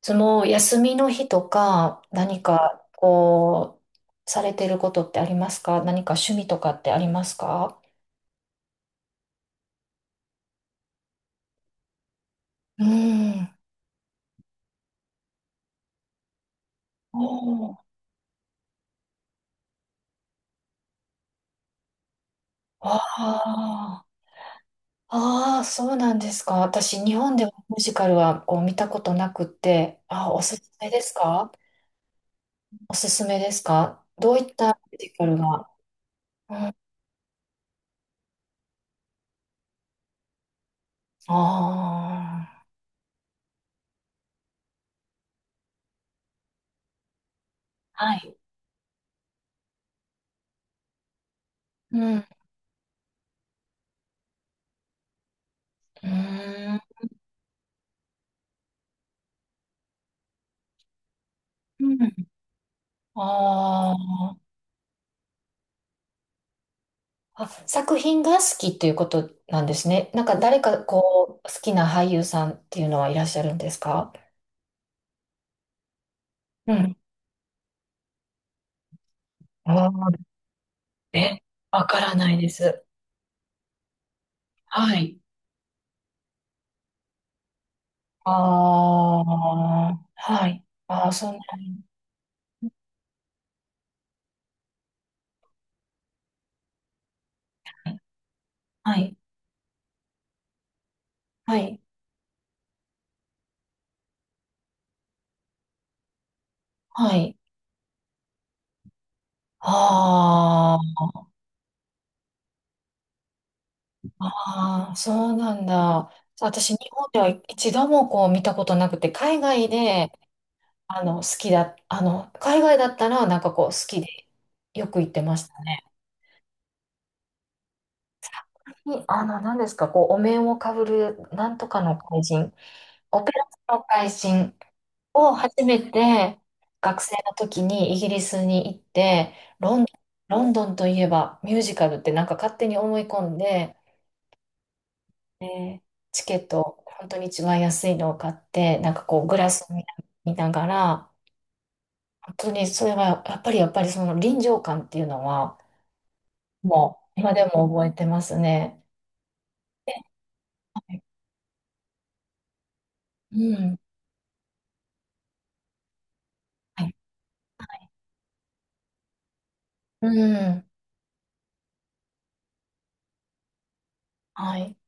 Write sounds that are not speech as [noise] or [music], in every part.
つも休みの日とか何かこうされてることってありますか？何か趣味とかってありますか？うん。おー。あー。あー、そうなんですか。私、日本ではミュージカルはこう見たことなくって、あ、おすすめですか？おすすめですか？どういったミュージカルが、うん、ああ、はい。うん。うーん。ああ。あ、作品が好きっていうことなんですね。なんか誰かこう、好きな俳優さんっていうのはいらっしゃるんですか？うん。あー。え、わからないです。はい。ああ、はい。ああ、そうなん、はい、はい、はい。あー。あー、そうなんだ。私、日本では一度もこう見たことなくて、海外で、あの、好きだ、あの、海外だったら、なんかこう、好きで、よく行ってましたね。に、あの、何ですか、こう、お面をかぶる、なんとかの怪人、オペラ座の怪人を初めて、学生の時にイギリスに行って、ロンドン、ロンドンといえばミュージカルってなんか勝手に思い込んで、で、チケット、本当に一番安いのを買って、なんかこう、グラス見な見ながら、本当にそれは、やっぱりその臨場感っていうのは、もう、今でも覚えてますね。で、はい。うん。はい。うん。はい。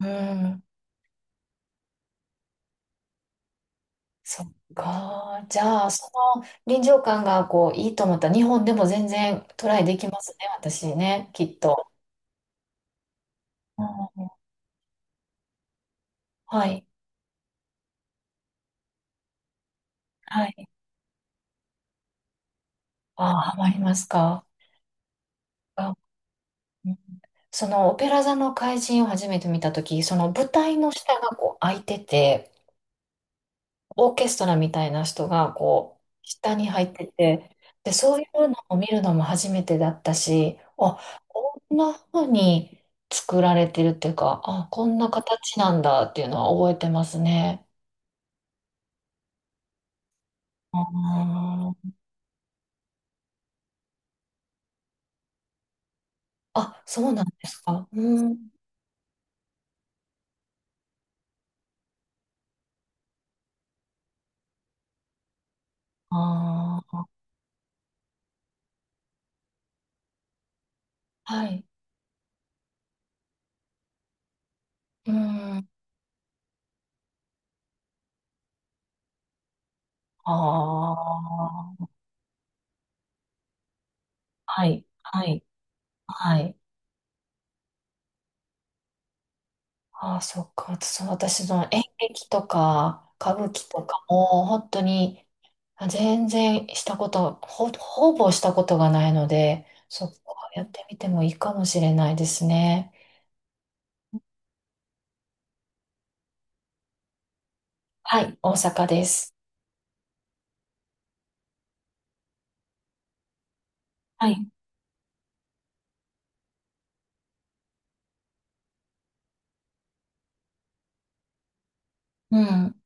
うん、そっか。じゃあ、その臨場感がこういいと思ったら、日本でも全然トライできますね、私ね、きっと。うん、はい、はい。ああ、ハマりますか？あ、うん。そのオペラ座の怪人を初めて見たとき、その舞台の下がこう開いてて、オーケストラみたいな人がこう下に入ってて、で、そういうのを見るのも初めてだったし、あ、こんな風に作られてるっていうか、あ、こんな形なんだっていうのは覚えてますね。あー、あ、そうなんですか。うん。ああ、はい。うん。ああ、はい、はい、はい。ああ、そっか。そう、私、その演劇とか歌舞伎とかも、本当にあ全然したこと、ほ、ほぼしたことがないので、そっか、やってみてもいいかもしれないですね。はい、大阪です。はい。うん。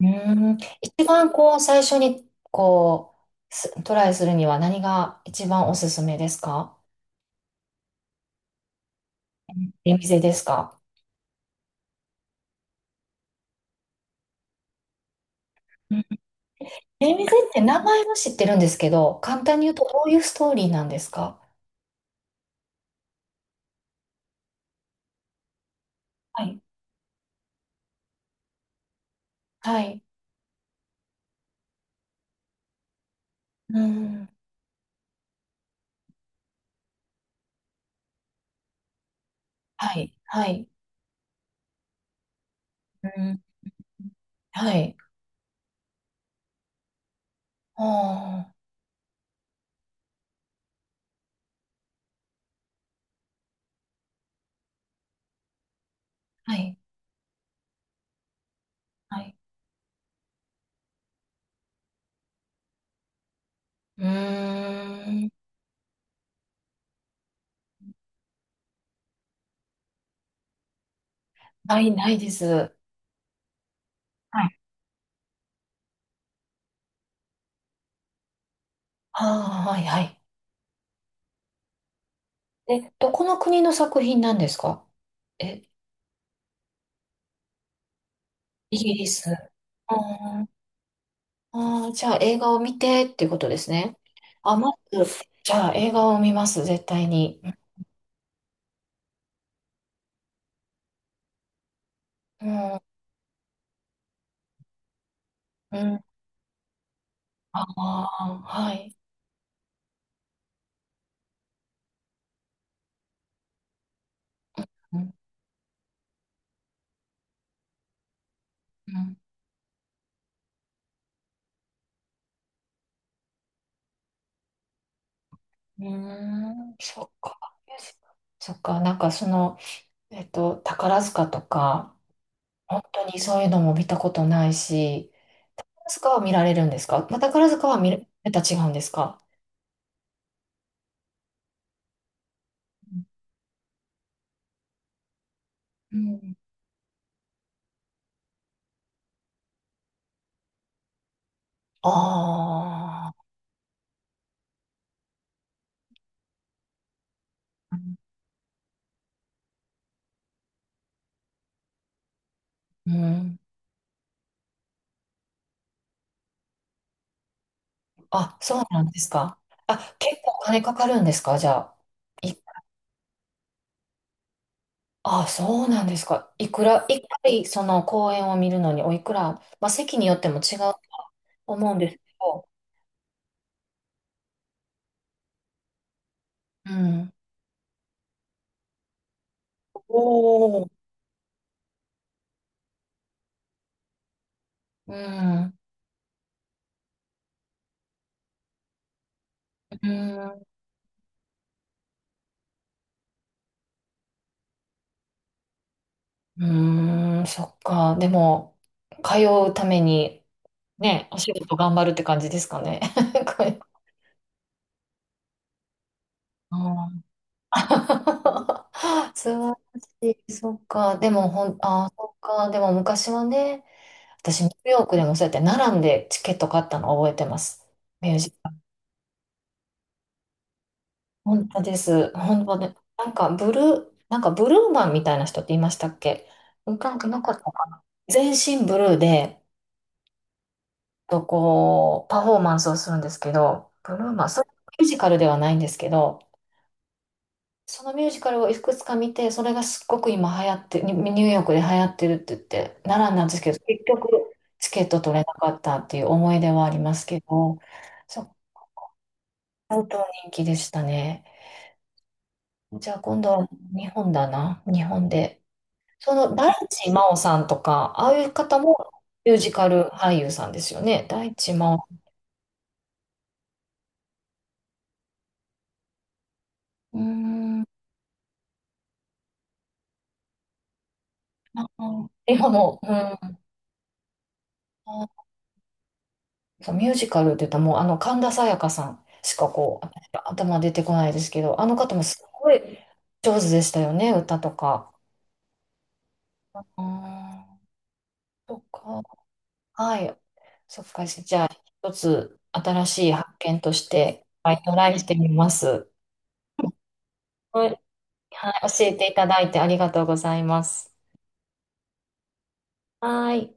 うーん。一番こう、最初にこう、すトライするには何が一番おすすめですか？出店ですか？うん。出店って名前は知ってるんですけど、簡単に言うとどういうストーリーなんですか？はい。はい。うん。はい。はい。うん。はい。ああ。はい。はい。うーん。ない、ないです。はい。ああ、はい、はい。え、どこの国の作品なんですか？え、イギリス。ああ、あー、じゃあ映画を見てっていうことですね。あ、まず、じゃあ映画を見ます、絶対に。うん。うん。ああ、はい。うん。うん。うーん。そっか。そっか。なんかその、えっと、宝塚とか、本当にそういうのも見たことないし、宝塚は見られるんですか？まあ宝塚は見る、また違うんですか？うん。ああ、うん。あ、そうなんですか。あ、結構お金かかるんですか、じゃあ。い、あ、そうなんですか。いくら、一回その公演を見るのにおいくら、まあ席によっても違うと思うんですけど、うん。おお。うん。うん。うーん、そっか。でも、通うために、ね、お仕事頑張るって感じですかね。[laughs] これあー [laughs] 素晴らしい。そっか。でも、ほん、あー、そっか。でも、昔はね、私、ニューヨークでもそうやって並んでチケット買ったの覚えてます。ミュージカル。本当です。本当で、なんか、ブルー、なんか、ブルーマンみたいな人っていましたっけ？なんかなかったかな。全身ブルーで、とこう、パフォーマンスをするんですけど、ブルーマー、それミュージカルではないんですけど、そのミュージカルをいくつか見て、それがすっごく今流行って、ニニューヨークで流行ってるって言って、奈良なんですけど、結局チケット取れなかったっていう思い出はありますけど、そう、本当人気でしたね。じゃあ今度は日本だな、日本で。その大地真央さんとか、ああいう方もミュージカル俳優さんですよね。大地真央。うーん。あー今も、うん。あ、そう、ミュージカルって言ったらもうあの神田沙也加さんしかこう私は頭出てこないですけど、あの方もすごい上手でしたよね、歌とか。あー、そっか。はい。そっか。じゃあ、一つ新しい発見として、はい、トライしてみます。はい、はい、教えていただいてありがとうございます。はい。